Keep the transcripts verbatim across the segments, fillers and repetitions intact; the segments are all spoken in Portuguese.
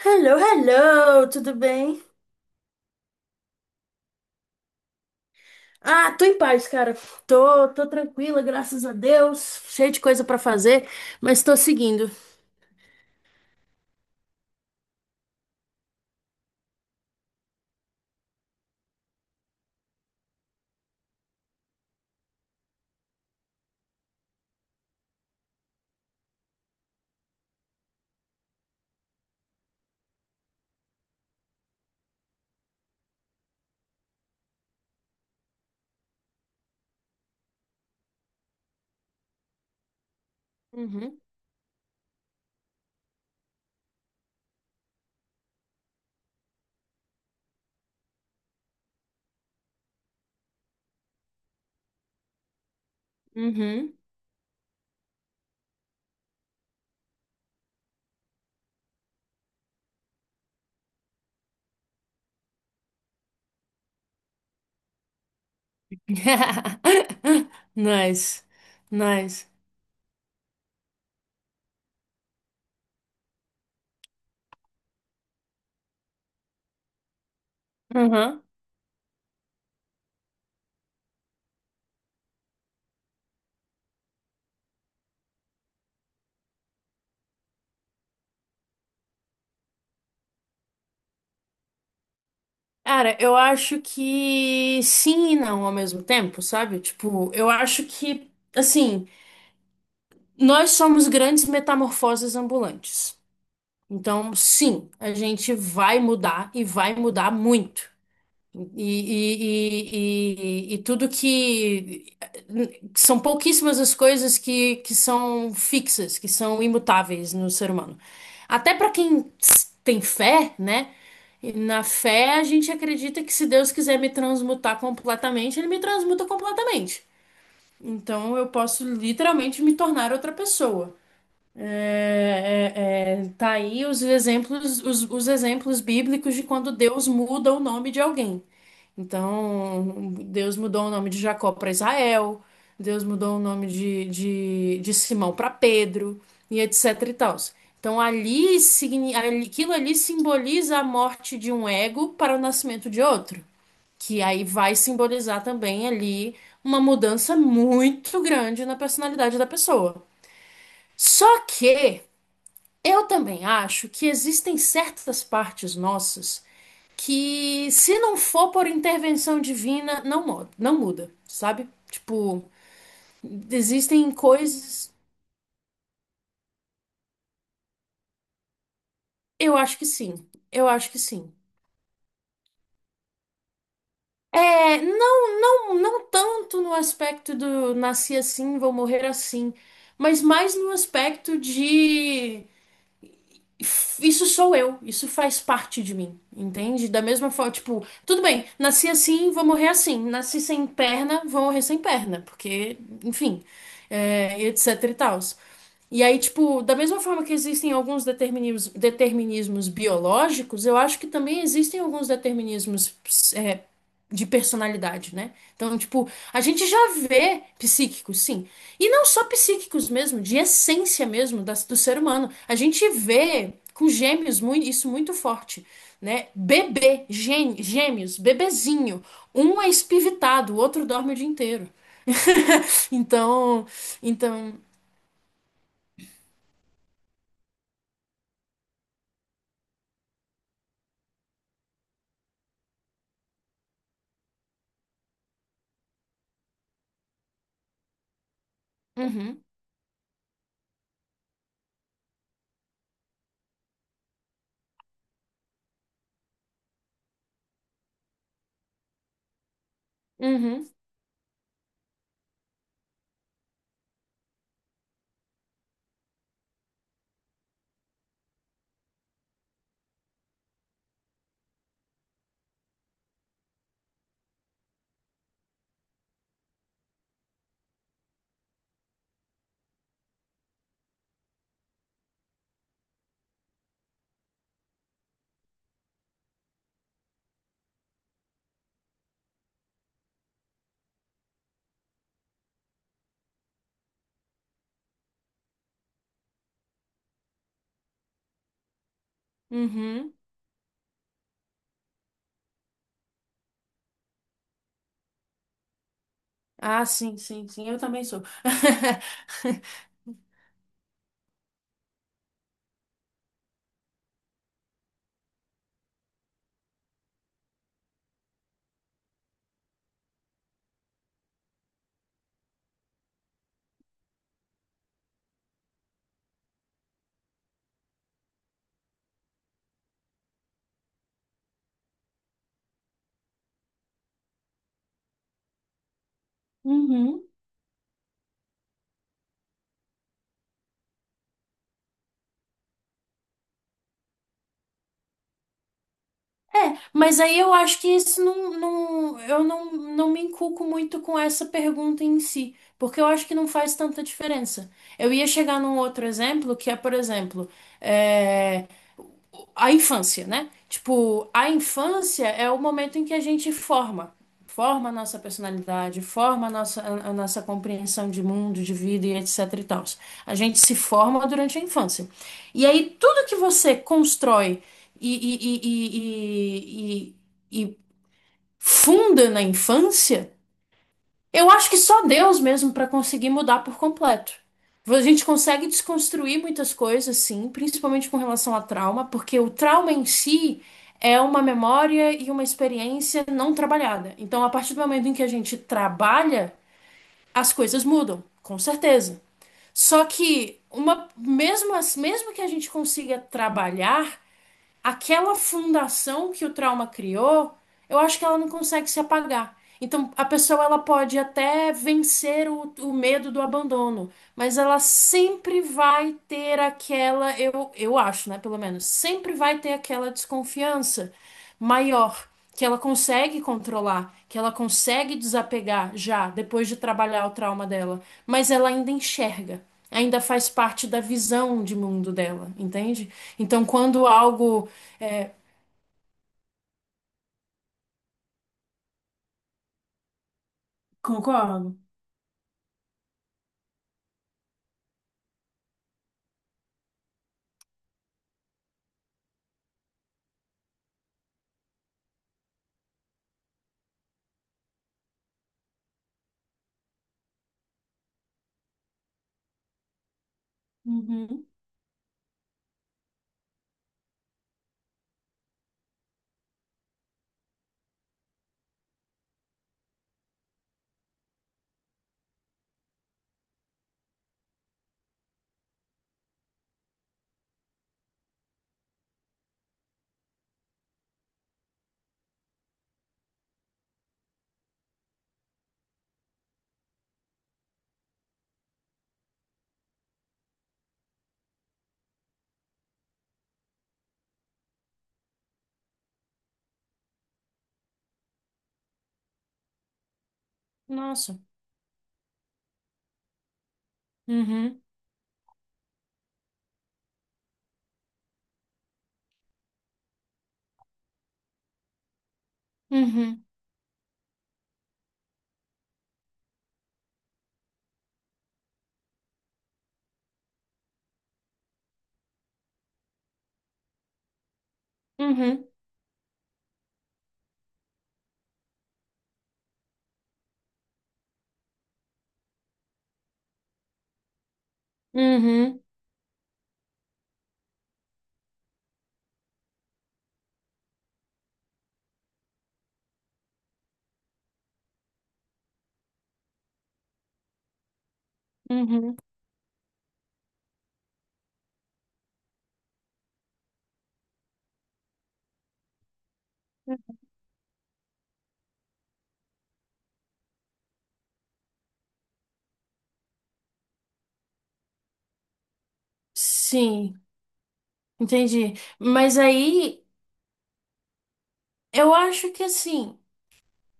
Hello, hello, tudo bem? Ah, tô em paz, cara. Tô, tô tranquila, graças a Deus. Cheio de coisa pra fazer, mas tô seguindo. Uhum, uhum. Nice, nice. Uhum. Cara, eu acho que sim e não ao mesmo tempo, sabe? Tipo, eu acho que, assim, nós somos grandes metamorfoses ambulantes. Então, sim, a gente vai mudar e vai mudar muito. E, e, e, e, e tudo que. São pouquíssimas as coisas que, que são fixas, que são imutáveis no ser humano. Até para quem s- tem fé, né? E na fé, a gente acredita que, se Deus quiser me transmutar completamente, ele me transmuta completamente. Então eu posso literalmente me tornar outra pessoa. É, é, é, tá aí os exemplos, os, os exemplos bíblicos de quando Deus muda o nome de alguém. Então, Deus mudou o nome de Jacó para Israel, Deus mudou o nome de, de, de Simão para Pedro, e etc e tal. Então, ali, signi- ali- aquilo ali simboliza a morte de um ego para o nascimento de outro, que aí vai simbolizar também ali uma mudança muito grande na personalidade da pessoa. Só que eu também acho que existem certas partes nossas que, se não for por intervenção divina, não, mo- não muda, sabe? Tipo, existem coisas. Eu acho que sim. Eu acho que sim. É, não, não, não tanto no aspecto do nasci assim, vou morrer assim, mas mais no aspecto de: isso sou eu, isso faz parte de mim, entende? Da mesma forma, tipo, tudo bem, nasci assim, vou morrer assim, nasci sem perna, vou morrer sem perna, porque, enfim, é, etc e tal. E aí, tipo, da mesma forma que existem alguns determinismos, determinismos biológicos, eu acho que também existem alguns determinismos, é, de personalidade, né? Então, tipo, a gente já vê psíquicos, sim. E não só psíquicos mesmo, de essência mesmo da- do ser humano. A gente vê com gêmeos muito, isso muito forte, né? Bebê, gê- gêmeos, bebezinho. Um é espivitado, o outro dorme o dia inteiro. Então, então, uhum, uhum, uhum. Ah, sim, sim, sim, eu também sou. Uhum. É, mas aí eu acho que isso não, não, eu não, não me inculco muito com essa pergunta em si, porque eu acho que não faz tanta diferença. Eu ia chegar num outro exemplo, que é, por exemplo, eh, a infância, né? Tipo, a infância é o momento em que a gente forma. Forma a nossa personalidade, forma a nossa, a a nossa compreensão de mundo, de vida e etc e tal. A gente se forma durante a infância. E aí, tudo que você constrói e, e, e, e, e, e e funda na infância, eu acho que só Deus mesmo para conseguir mudar por completo. A gente consegue desconstruir muitas coisas, sim, principalmente com relação a trauma, porque o trauma em si é uma memória e uma experiência não trabalhada. Então, a partir do momento em que a gente trabalha, as coisas mudam, com certeza. Só que uma mesmo as- mesmo que a gente consiga trabalhar, aquela fundação que o trauma criou, eu acho que ela não consegue se apagar. Então, a pessoa, ela pode até vencer o, o medo do abandono, mas ela sempre vai ter aquela, eu, eu acho, né, pelo menos, sempre vai ter aquela desconfiança maior, que ela consegue controlar, que ela consegue desapegar já depois de trabalhar o trauma dela, mas ela ainda enxerga. Ainda faz parte da visão de mundo dela, entende? Então, quando algo. É... Concordo. Uhum. Nossa. Uhum, uhum, uhum, uhum, uhum. Sim, entendi. Mas aí eu acho que assim,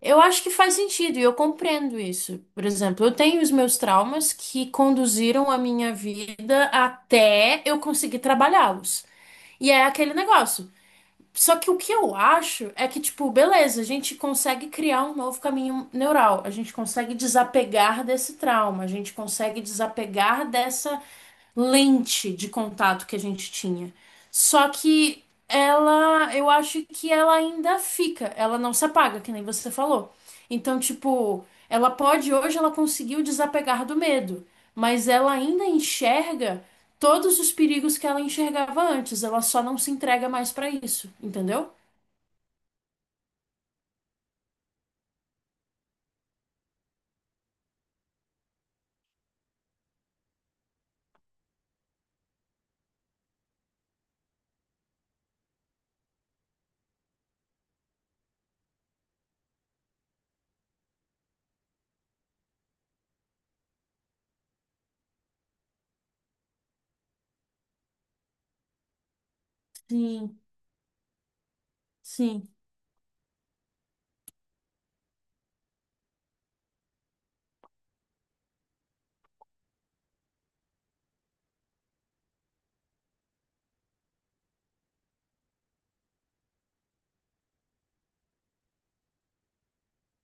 eu acho que faz sentido e eu compreendo isso. Por exemplo, eu tenho os meus traumas que conduziram a minha vida até eu conseguir trabalhá-los. E é aquele negócio. Só que o que eu acho é que, tipo, beleza, a gente consegue criar um novo caminho neural, a gente consegue desapegar desse trauma, a gente consegue desapegar dessa lente de contato que a gente tinha. Só que ela, eu acho que ela ainda fica, ela não se apaga, que nem você falou. Então, tipo, ela pode, hoje ela conseguiu desapegar do medo, mas ela ainda enxerga todos os perigos que ela enxergava antes. Ela só não se entrega mais pra isso, entendeu? Sim, sim,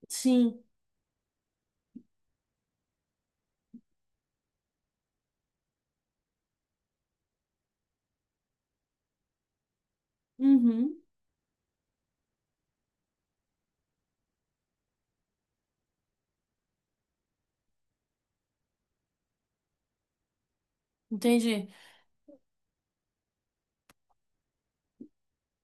sim. Uhum. Entendi.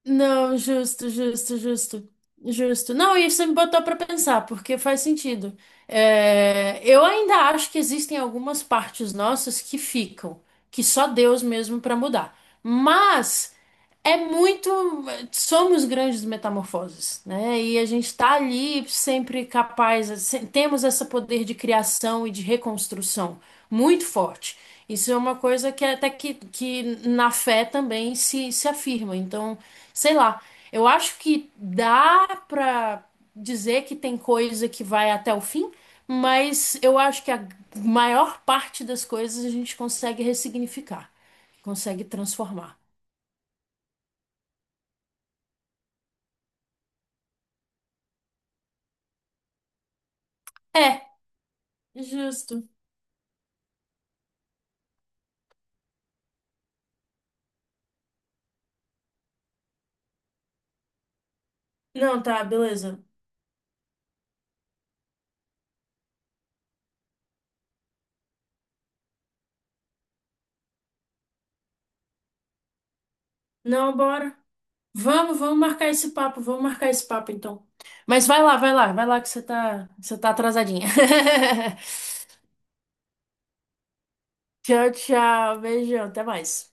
Não, justo, justo, justo. Justo. Não, isso me botou pra pensar, porque faz sentido. É, eu ainda acho que existem algumas partes nossas que ficam, que só Deus mesmo pra mudar. Mas é muito. Somos grandes metamorfoses, né? E a gente está ali sempre capaz, se- temos esse poder de criação e de reconstrução muito forte. Isso é uma coisa que até que, que na fé também se, se afirma. Então, sei lá, eu acho que dá para dizer que tem coisa que vai até o fim, mas eu acho que a maior parte das coisas a gente consegue ressignificar, consegue transformar. É, justo. Não, tá, beleza. Não, bora. Vamos, vamos marcar esse papo, vamos marcar esse papo então. Mas vai lá, vai lá, vai lá que você tá, você tá atrasadinha. Tchau, tchau, beijão, até mais.